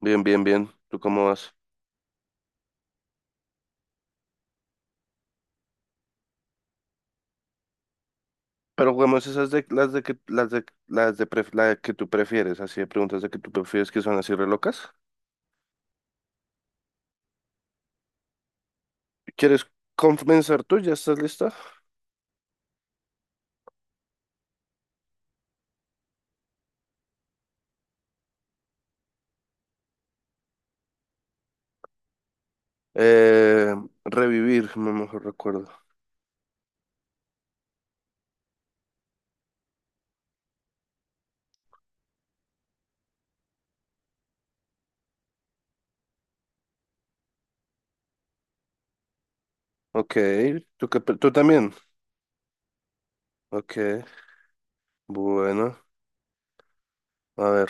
Bien, bien, bien. ¿Tú cómo vas? Pero jugamos esas de las de que las de la que tú prefieres, así de preguntas de que tú prefieres que son así re locas. ¿Quieres comenzar tú? ¿Ya estás lista? Eh, revivir, me mejor recuerdo. Ok, ¿tú también? Ok, bueno, a ver.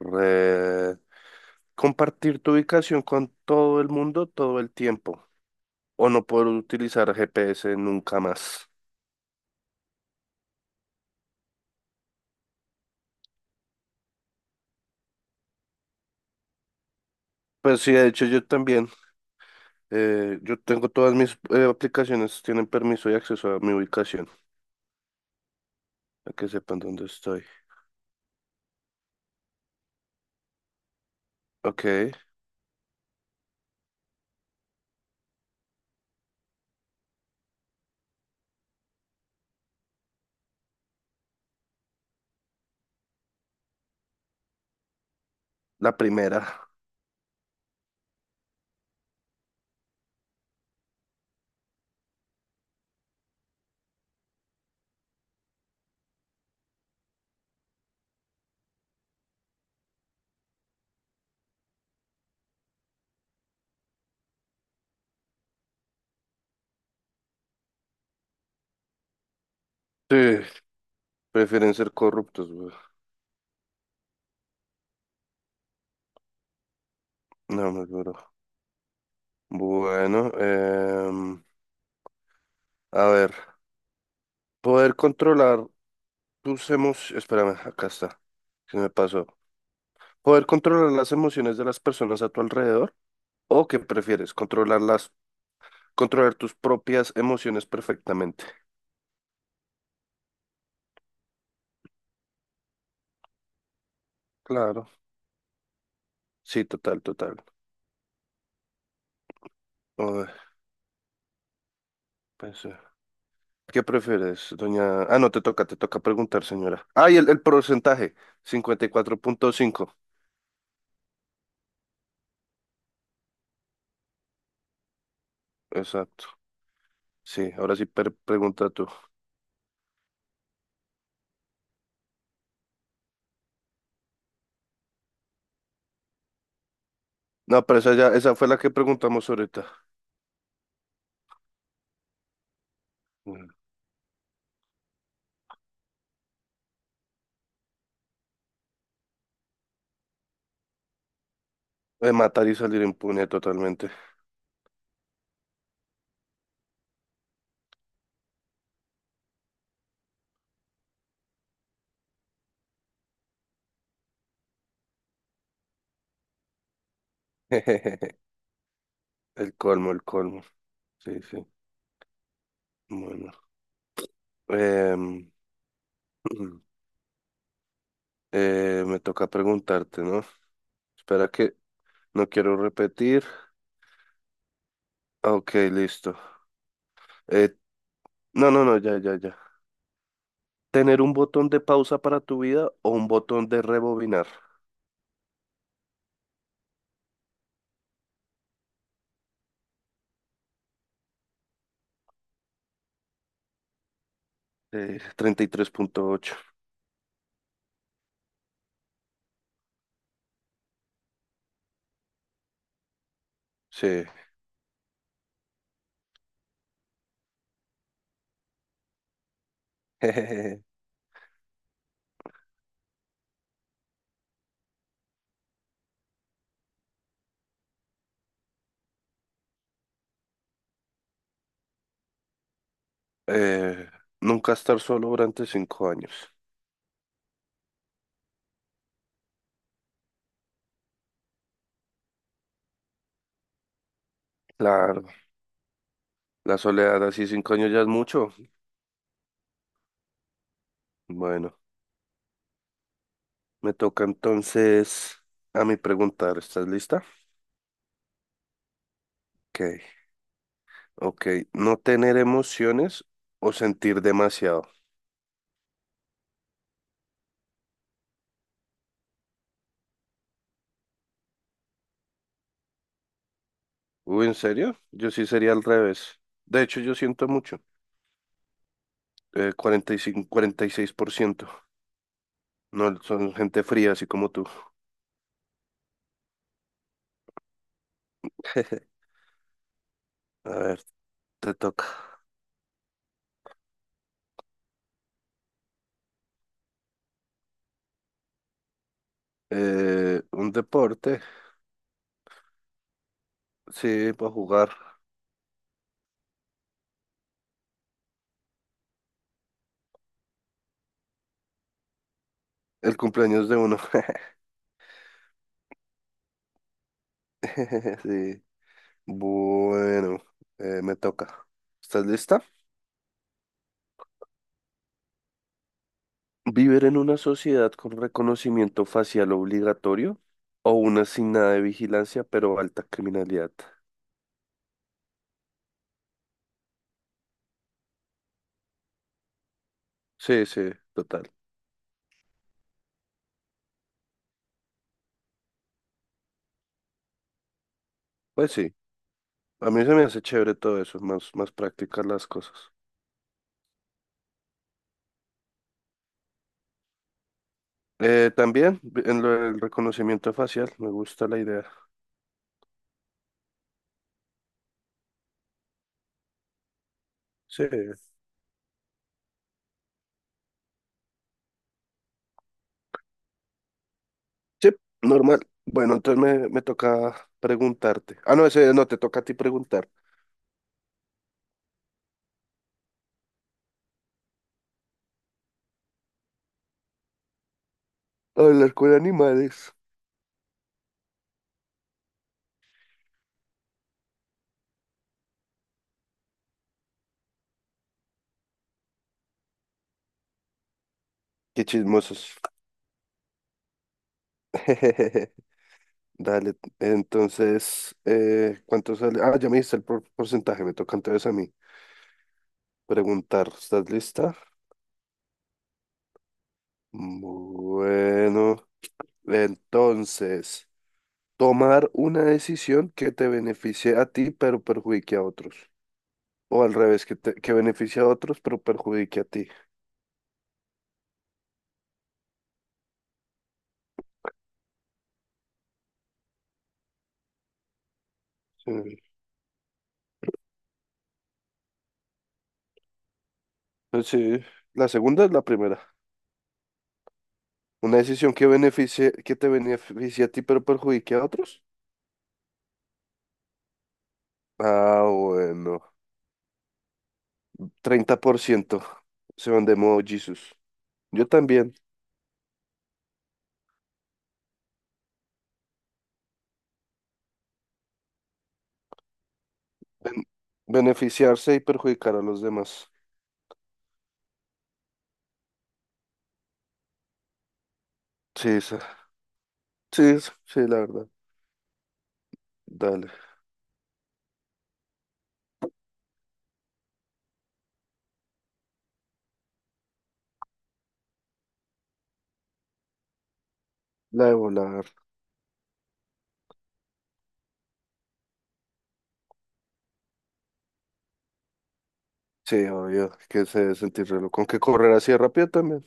re- Compartir tu ubicación con todo el mundo todo el tiempo o no poder utilizar GPS nunca más. Pues sí, de hecho yo también. Yo tengo todas mis aplicaciones, tienen permiso y acceso a mi ubicación, a que sepan dónde estoy. Ok, la primera. Sí, prefieren ser corruptos, güey. No me juro. Bueno, a ver. Poder controlar tus emociones. Espérame, acá está. Se me pasó. Poder controlar las emociones de las personas a tu alrededor. ¿O qué prefieres? Controlar tus propias emociones perfectamente. Claro. Sí, total, total. Ay, pues, ¿qué prefieres, doña? Ah, no, te toca preguntar, señora. Ah, y el porcentaje, 54,5. Exacto. Sí, ahora sí pregunta tú. No, pero esa fue la que preguntamos ahorita. Mm. De matar y salir impune totalmente. El colmo, el colmo. Sí, sí. Bueno. Em, me toca preguntarte, ¿no? Espera que no quiero repetir. Ah, Ok, listo. Eh, no, no, no, ya, ya, ya. ¿Tener un botón de pausa para tu vida o un botón de rebobinar? 33,8. Sí. Eh, nunca estar solo durante 5 años. Claro, la soledad así 5 años ya es mucho. Bueno, me toca entonces a mí preguntar. ¿Estás lista? Ok, ok. No tener emociones o sentir demasiado. Uy, ¿en serio? Yo sí sería al revés. De hecho, yo siento mucho. 45, 46%. No, son gente fría, así como tú. A ver, te toca. Un deporte, sí, para jugar. El cumpleaños de uno. Sí. Bueno, me toca. ¿Estás lista? ¿Vivir en una sociedad con reconocimiento facial obligatorio o una sin nada de vigilancia pero alta criminalidad? Sí, sí, total. Pues sí, a mí se me hace chévere todo eso, más, más prácticas las cosas. También en lo del reconocimiento facial, me gusta la idea. Sí, sí, normal. Bueno, entonces me toca preguntarte. Ah, no, ese no, te toca a ti preguntar. Hablar con animales. Qué chismosos. Dale, entonces, ¿cuánto sale? Ah, ya me diste el porcentaje, me toca entonces a mí preguntar. ¿Estás lista? Bueno, entonces, tomar una decisión que te beneficie a ti, pero perjudique a otros. O al revés, que beneficie a otros, pero perjudique a ti. Sí. Pues sí, la segunda es la primera. Una decisión que te beneficie a ti, pero perjudique a otros. Ah, bueno. 30% se van de modo Jesús. Yo también. Ben- beneficiarse y perjudicar a los demás. Sí, esa. Sí, esa. Sí, la verdad. Dale. La de volar. Sí, obvio, que se debe sentir reloj. Con que correr así de rápido también.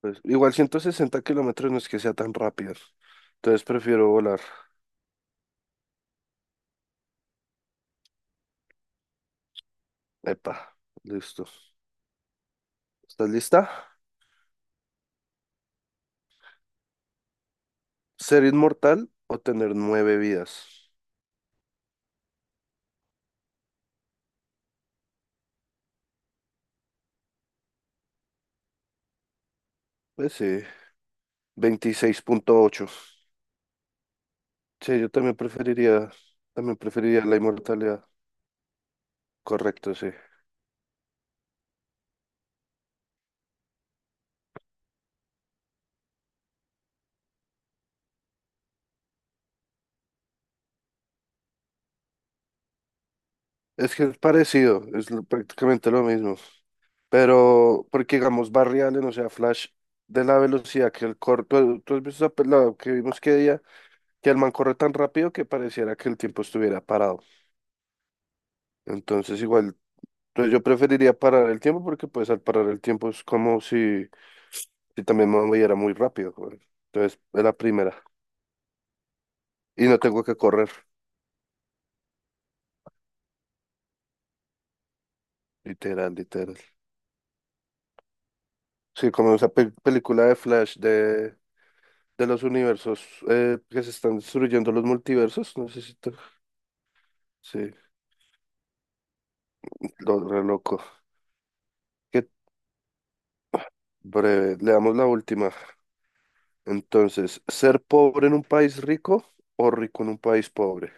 Pues, igual 160 kilómetros no es que sea tan rápido. Entonces prefiero volar. Epa, listo. ¿Estás lista? ¿Ser inmortal o tener nueve vidas? Pues sí, 26,8. Sí, yo también preferiría la inmortalidad. Correcto, sí. Es que es parecido, prácticamente lo mismo. Pero, porque digamos, Barry Allen, o sea, Flash, de la velocidad que el corre, ¿tú has visto la que vimos que día, que el man corre tan rápido que pareciera que el tiempo estuviera parado. Entonces igual, pues yo preferiría parar el tiempo porque pues al parar el tiempo es como si también me moviera muy rápido, güey. Entonces es la primera. Y no tengo que correr, literal, literal. Sí, como película de Flash de los universos que se están destruyendo los multiversos, necesito. Sí, lo re loco. Qué breve, le damos la última. Entonces, ¿ser pobre en un país rico o rico en un país pobre?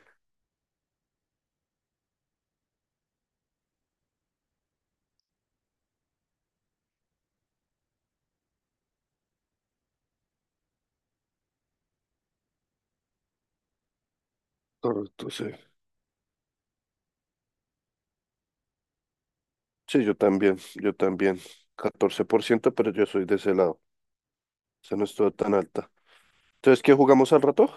Correcto, sí. Sí, yo también, yo también. 14%, pero yo soy de ese lado. O sea, no estuvo tan alta. Entonces, ¿qué jugamos al rato?